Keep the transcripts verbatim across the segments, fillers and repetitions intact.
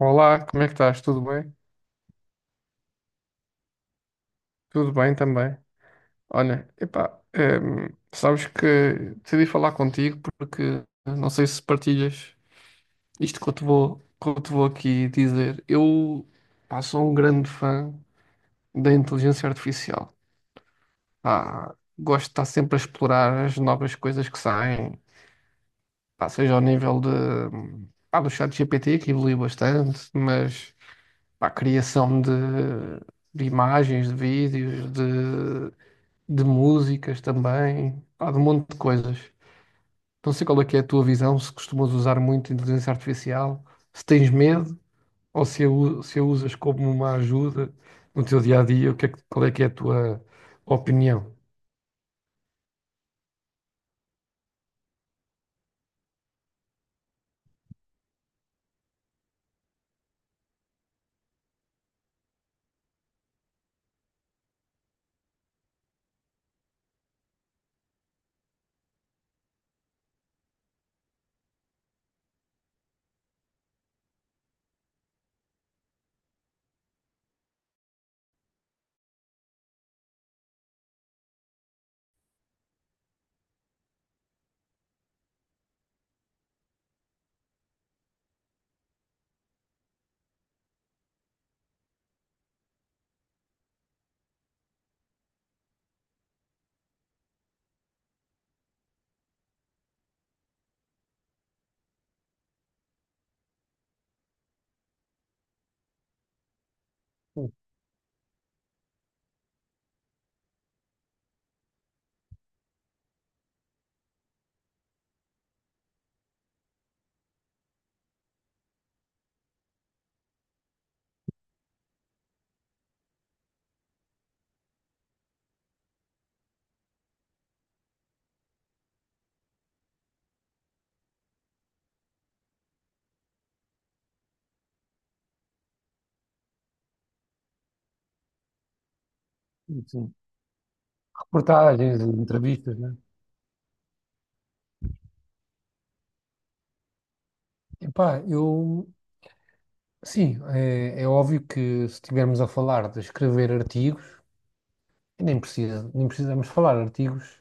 Olá, como é que estás? Tudo bem? Tudo bem também. Olha, epá, ehm, sabes que decidi falar contigo porque não sei se partilhas isto que eu te vou, que eu te vou aqui dizer. Eu, pá, sou um grande fã da inteligência artificial. Pá, gosto de estar sempre a explorar as novas coisas que saem, pá, seja ao nível de, pá, do ChatGPT, que evoluiu bastante, mas para a criação de, de imagens, de vídeos, de de músicas também, pá, de um monte de coisas. Não sei qual é que é a tua visão, se costumas usar muito inteligência artificial, se tens medo ou se a, u- se a usas como uma ajuda no teu dia a dia, o que é que- qual é que é a tua opinião? Enfim, reportagens, entrevistas, né? Epá, eu sim, é, é óbvio que se estivermos a falar de escrever artigos, nem precisa, nem precisamos falar artigos.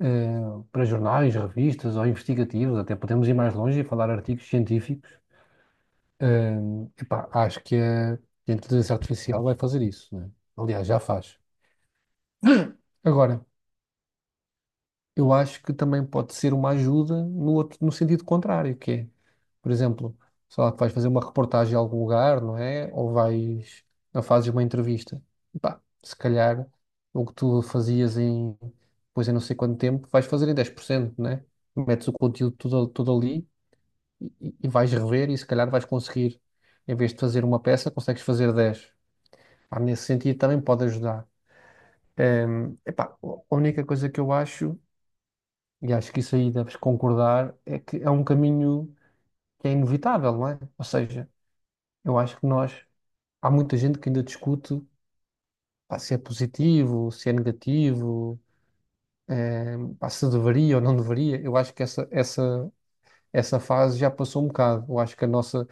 Eh, para jornais, revistas ou investigativos, até podemos ir mais longe e falar artigos científicos. Eh, epá, acho que a, que a inteligência artificial vai fazer isso, né? Aliás, já faz. Agora, eu acho que também pode ser uma ajuda no outro, no sentido contrário, que é, por exemplo, sei lá, que vais fazer uma reportagem em algum lugar, não é? Ou vais, ou fazes uma entrevista. Epá, se calhar o que tu fazias em, pois em não sei quanto tempo, vais fazer em dez por cento, né? Metes o conteúdo todo, todo ali e, e- vais rever e se calhar vais conseguir, em vez de fazer uma peça, consegues fazer dez. Pá, nesse sentido também pode ajudar. Ehm, epá, a única coisa que eu acho, e acho que isso aí deves concordar, é que é um caminho que é inevitável, não é? Ou seja, eu acho que nós, há muita gente que ainda discute, pá, se é positivo, se é negativo, ehm, pá, se deveria ou não deveria. Eu acho que essa, essa, essa fase já passou um bocado. Eu acho que a nossa.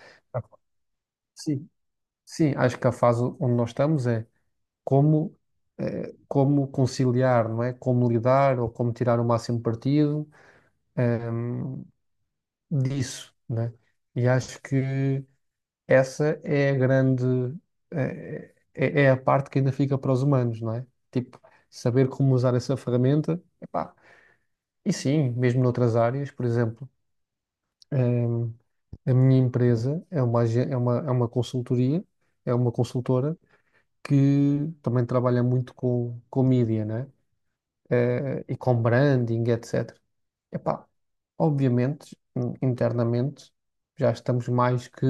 Sim, sim, acho que a fase onde nós estamos é como, eh, como conciliar, não é? Como lidar ou como tirar o máximo partido, ehm, disso, né? E acho que essa é a grande, eh, é, é a parte que ainda fica para os humanos, não é? Tipo, saber como usar essa ferramenta, epá. E sim, mesmo noutras áreas, por exemplo, ehm, a minha empresa é uma, agen- é uma, é uma consultoria, é uma consultora que também trabalha muito com, com mídia, né? Eh, e com branding, etcétera. Epá, obviamente, in- internamente, já estamos mais que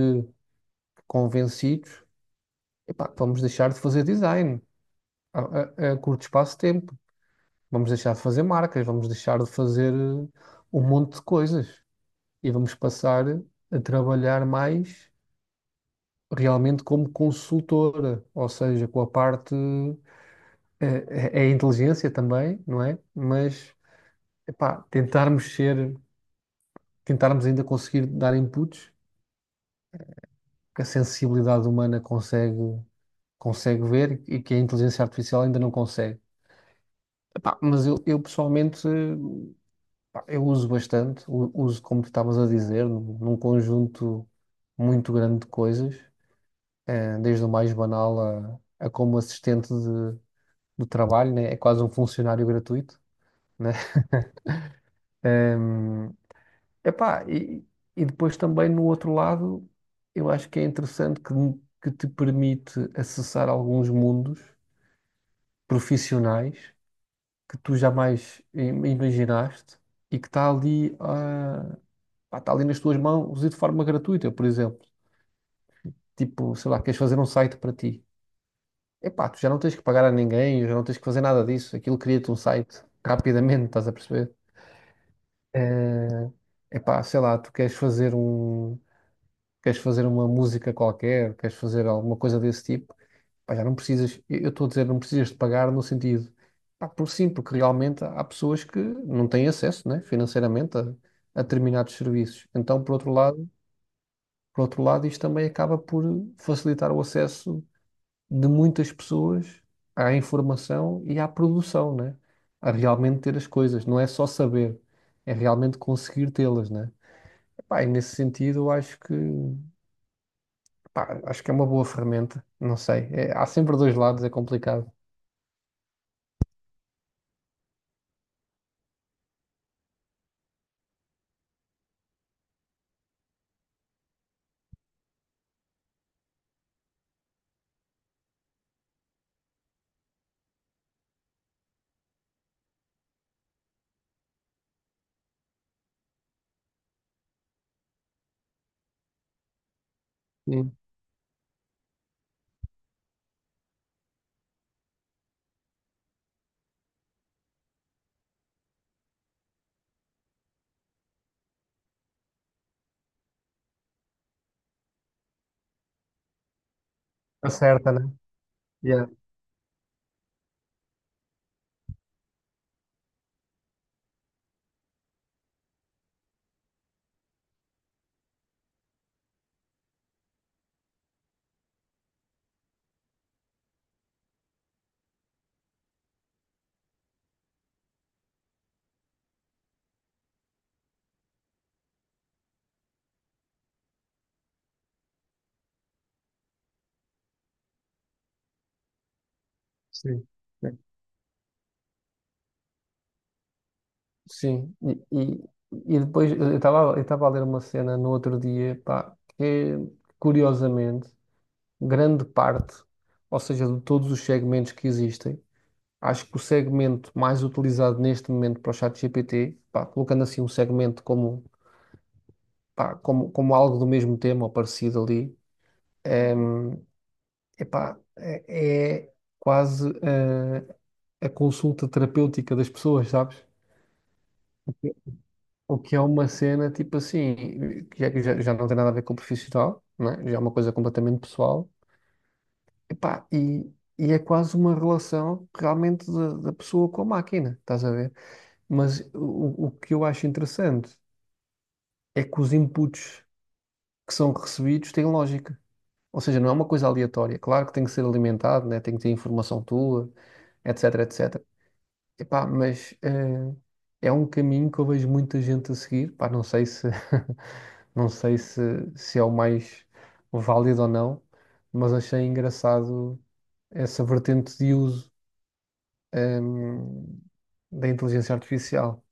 convencidos, epá, que vamos deixar de fazer design a, a- a curto espaço de tempo. Vamos deixar de fazer marcas, vamos deixar de fazer eh, um monte de coisas e vamos passar a trabalhar mais realmente como consultora, ou seja, com a parte é, é é inteligência também, não é? Mas epá, tentarmos ser tentarmos ainda conseguir dar inputs que a sensibilidade humana consegue, consegue ver e que a inteligência artificial ainda não consegue. Epá, mas eu, eu pessoalmente, eh, pá, eu uso bastante, u- uso como tu estavas a dizer, num num conjunto muito grande de coisas, eh, desde o mais banal a, a como assistente de, do trabalho, né? É quase um funcionário gratuito, né? Epá, e, e depois também no outro lado, eu acho que é interessante que, que te permite acessar alguns mundos profissionais que tu jamais im- imaginaste e que está ali, ah, pá, está ali nas tuas mãos e de forma gratuita, por exemplo. Tipo, sei lá, queres fazer um site para ti. Epá, tu já não tens que pagar a ninguém, já não tens que fazer nada disso. Aquilo cria-te um site rapidamente, estás a perceber? é Epá, sei lá, tu queres fazer um queres fazer uma música qualquer, queres fazer alguma coisa desse tipo, pá, já não precisas, eu estou a dizer, não precisas de pagar no sentido, pá, por sim, porque realmente há pessoas que não têm acesso, né, financeiramente a, a determinados serviços. Então, por outro lado, por outro lado, isto também acaba por facilitar o acesso de muitas pessoas à informação e à produção, né? A realmente ter as coisas, não é só saber, é realmente conseguir tê-las, né? Pá, e nesse sentido, eu acho que Pá, acho que é uma boa ferramenta, não sei. É- há sempre dois lados, é complicado. Sim. Acerta, né? Yeah, sim. É. Sim, e, e, e depois eu estava eu estava a ler uma cena no outro dia, pá, que é, curiosamente, grande parte, ou seja, de todos os segmentos que existem, acho que o segmento mais utilizado neste momento para o ChatGPT, pá, colocando assim um segmento como, pá, como, como algo do mesmo tema ou parecido ali, é, Epá, é, é quase eh, a, consulta terapêutica das pessoas, sabes? O que é uma cena tipo assim, que já, já, já não tem nada a ver com o profissional, não é? Já é uma coisa completamente pessoal. Epá, e, e é quase uma relação realmente da, da pessoa com a máquina, estás a ver? Mas o, o que eu acho interessante é que os inputs que são recebidos têm lógica. Ou seja, não é uma coisa aleatória. Claro que tem que ser alimentado, né? Tem que ter informação tua etc, etcétera. Epá, mas eh, é um caminho que eu vejo muita gente a seguir. Pá, não sei se não sei se, se é o mais válido ou não, mas achei engraçado essa vertente de uso ehm, da inteligência artificial.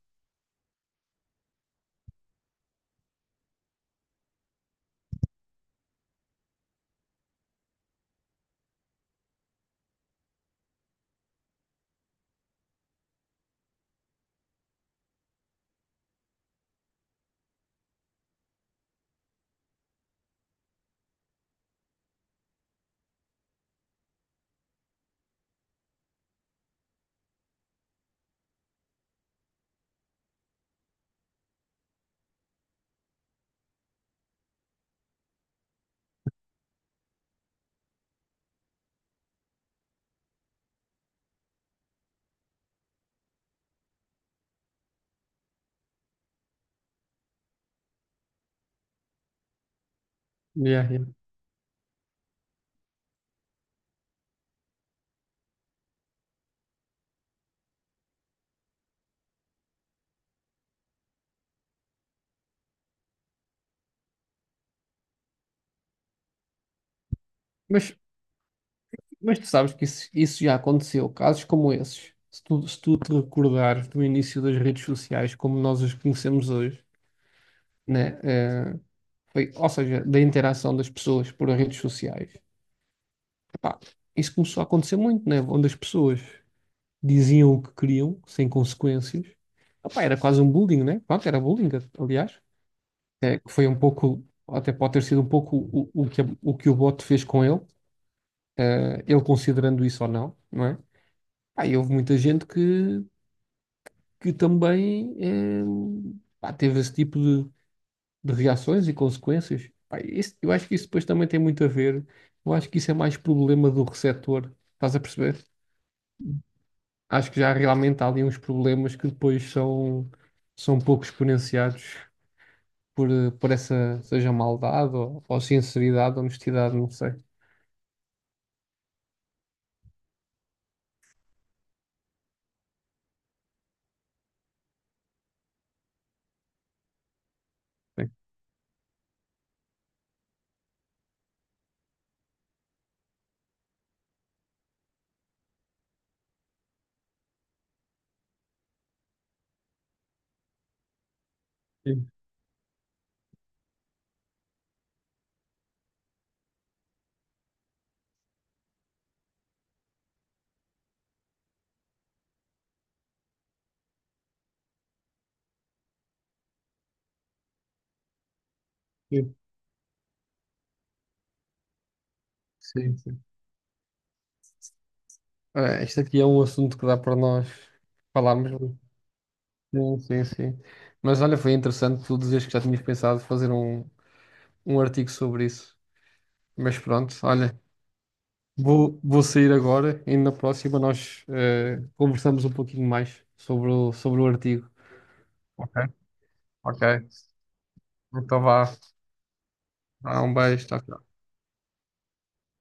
Yeah, yeah. Mas, mas tu sabes que isso, isso já aconteceu, casos como esses. Se tu, se tu te recordares do início das redes sociais como nós as conhecemos hoje, né? Eh, foi, ou seja, da interação das pessoas por redes sociais. Pá, isso começou a acontecer muito, né? Onde as pessoas diziam o que queriam, sem consequências. Ah, pá, era quase um bullying, né? Pronto, era bullying, aliás. É, que foi um pouco, até pode ter sido um pouco o, o que, a- o que o bot fez com ele, eh, ele considerando isso ou não, não é? Pá, e houve muita gente que, que também eh, pá, teve esse tipo de, de reações e consequências. Pá, isso- eu acho que isso depois também tem muito a ver. Eu acho que isso é mais problema do receptor, estás a perceber? Acho que já realmente há ali uns problemas que depois são, são pouco exponenciados por, eh, por essa, seja maldade ou, ou sinceridade, honestidade, não sei. Sim, sim, sim. Sim, sim. Ah, este aqui é um assunto que dá para nós falarmos. Sim, sim, sim. Mas olha, foi interessante tu dizeres que já tinhas pensado fazer um, um artigo sobre isso. Mas pronto, olha, vou, vou sair agora e na próxima nós eh, conversamos um pouquinho mais sobre o, sobre o artigo. Ok, ok. Então vá. Vá, um beijo. Tchau, tchau.